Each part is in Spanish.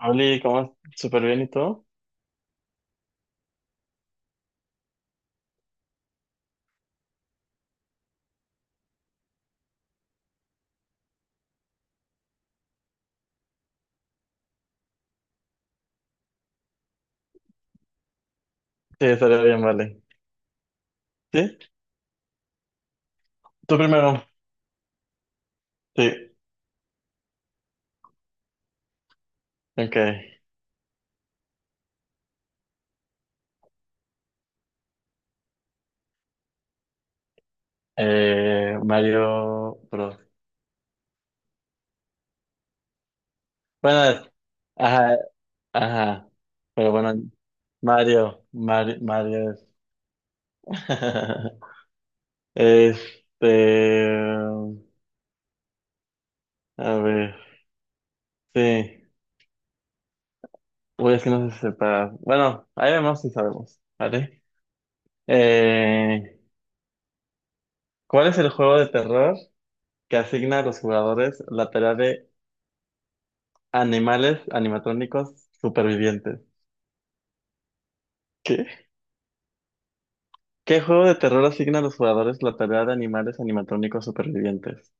Oli, ¿cómo? ¿Súper bien y todo? Sí, estaría bien, vale. ¿Sí? ¿Tú primero? Sí. Ok. Mario Bros. Bueno, ajá, ajá. Pero bueno, Mario es. Este, a ver, sí. Uy, es que no se separa. Bueno, ahí vemos si sabemos, ¿vale? Eh, ¿Cuál es el juego de terror que asigna a los jugadores laterales animales animatrónicos supervivientes? ¿Qué? ¿Qué juego de terror asigna a los jugadores la tarea de animales animatrónicos supervivientes?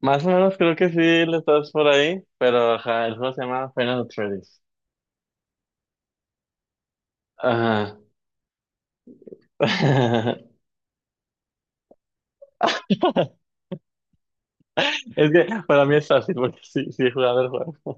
Más o menos creo que sí le estás por ahí, pero ajá, el juego se llama Final Freddy's. Ajá. Es que para mí es fácil porque sí, sí he jugado el juego.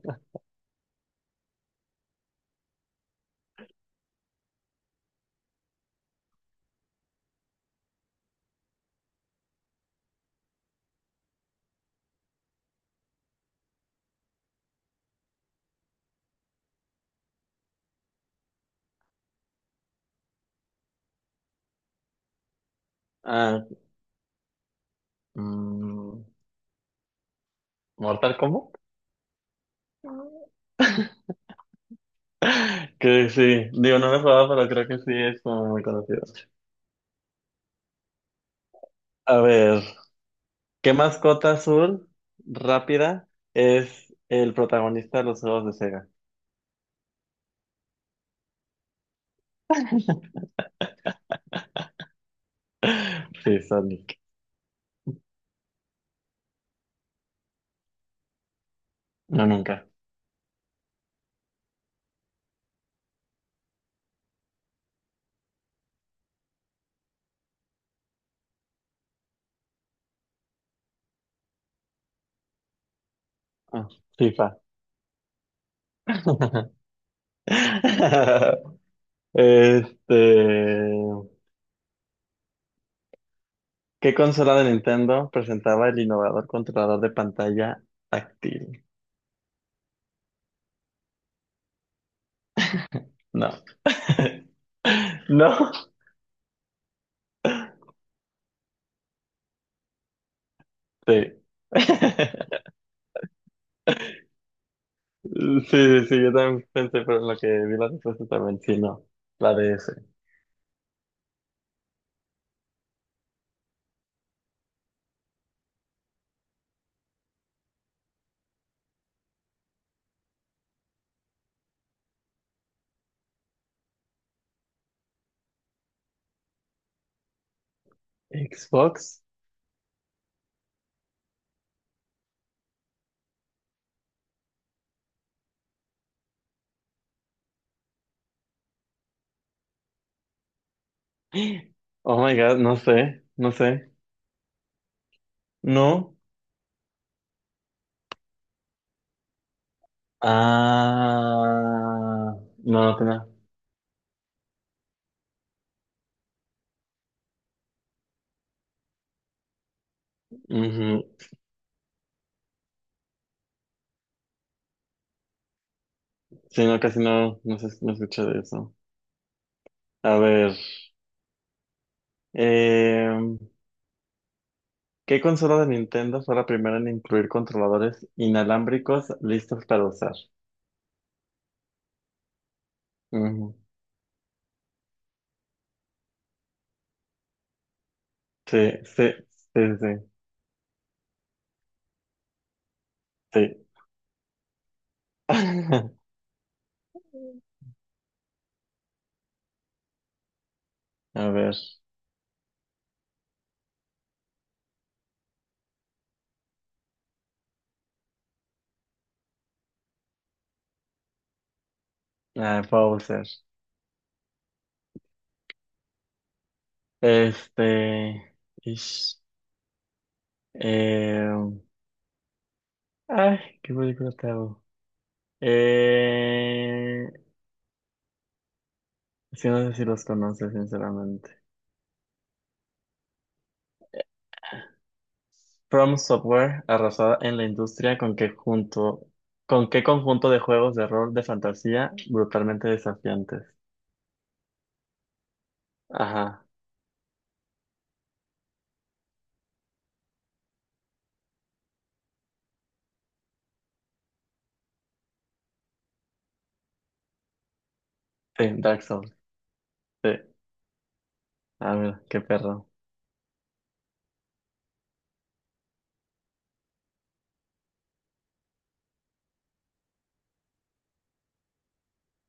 Ah, mm, ¿Mortal Kombat? Que sí, digo, no lo he jugado, pero creo que sí es como muy conocido. A ver. ¿Qué mascota azul rápida es el protagonista de los juegos de Sega? Sí, Sonic. No, nunca. Ah, FIFA. Este, ¿qué consola de Nintendo presentaba el innovador controlador de pantalla táctil? No. ¿No? Sí. Sí, sí, sí, yo también pensé, pero en lo que vi la respuesta también, sí, no. La DS. ¿Xbox? Oh my God, no sé, no sé. No. Ah, no, no tenía. Ujú. Sí, no, casi no, no escuché de eso. A ver, eh, ¿qué consola de Nintendo fue la primera en incluir controladores inalámbricos listos para usar? Ujú. Sí, sí, sí, sí, sí. A ver, ah, Bowser. Este, ish, eh, ay, ¿qué película te hago? Eh, sí, no sé si los conoces, sinceramente. From Software arrasada en la industria con que junto, ¿con qué conjunto de juegos de rol de fantasía brutalmente desafiantes? Ajá, sí, Dark Souls, sí. A ver, qué perro.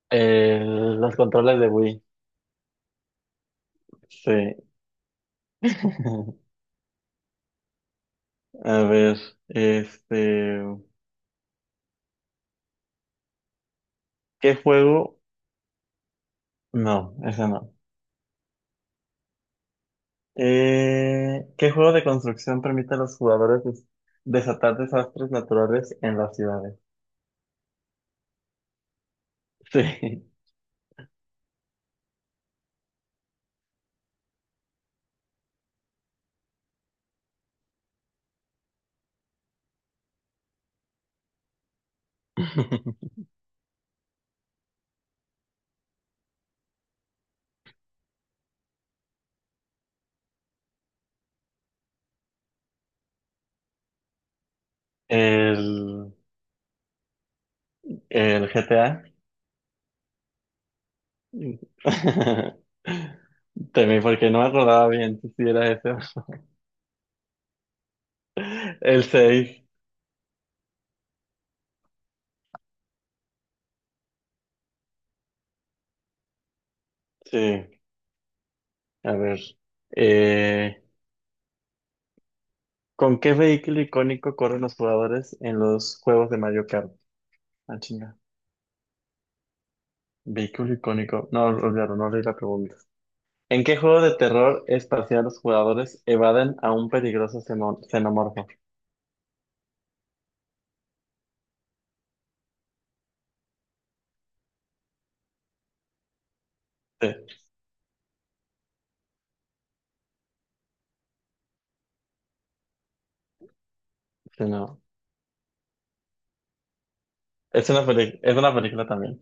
Los controles de Wii, sí. A ver, este, ¿qué juego? No, ese no. ¿Qué juego de construcción permite a los jugadores desatar desastres naturales en las ciudades? Sí. El El GTA. Temí porque no me acordaba bien si era ese. El seis. Sí, a ver. Eh, ¿Con qué vehículo icónico corren los jugadores en los juegos de Mario Kart? Ah, chinga. Vehículo icónico. No, olvidaron, no leí la pregunta. ¿En qué juego de terror espacial los jugadores evaden a un peligroso xenomorfo? Sí, sí, no. Es una es una película también.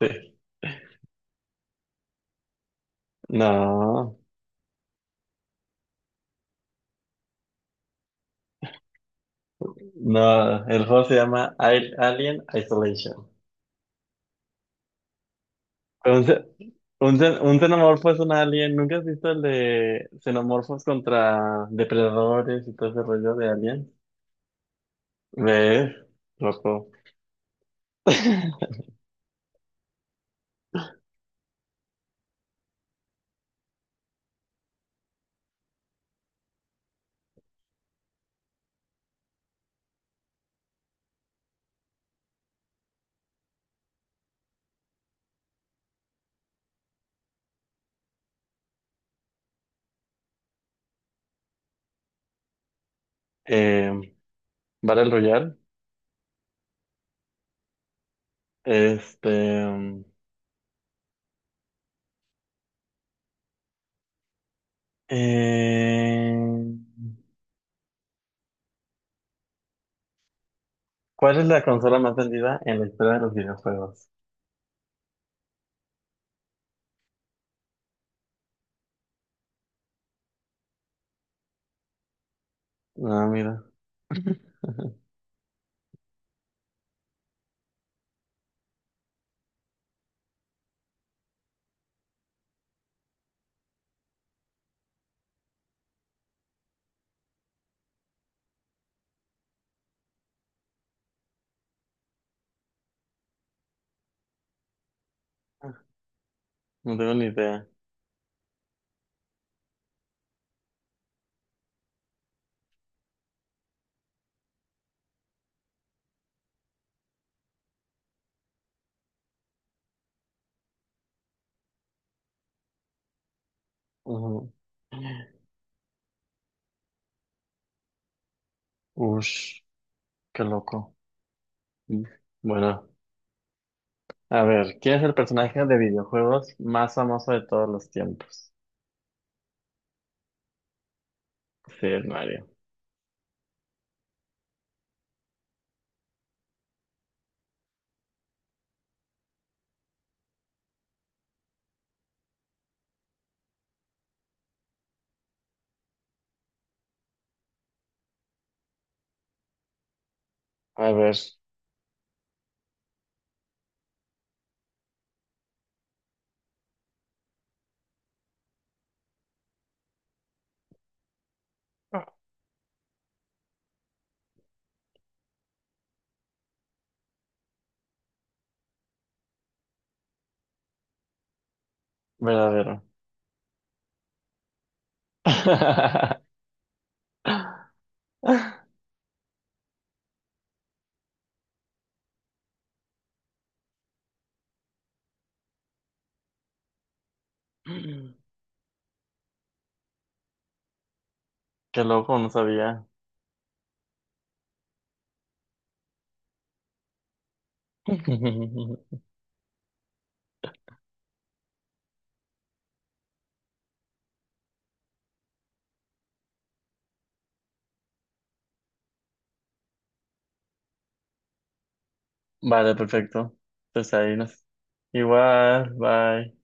Sí. No. No, el juego se llama Alien Isolation. Un, ce- un xenomorfo es un alien. ¿Nunca has visto el de xenomorfos contra depredadores y todo ese rollo de alien? ¿Ves? Loco. Eh, Battle Royale. Este. eh, ¿Cuál es la consola más vendida en la historia de los videojuegos? Ah, mira. No tengo ni idea. Ujú. Ush, qué loco. Bueno. A ver, ¿quién es el personaje de videojuegos más famoso de todos los tiempos? Sí, es Mario. A ver, verdadero. Qué loco, no sabía. Vale, perfecto. Pues ahí nos... Igual, bye.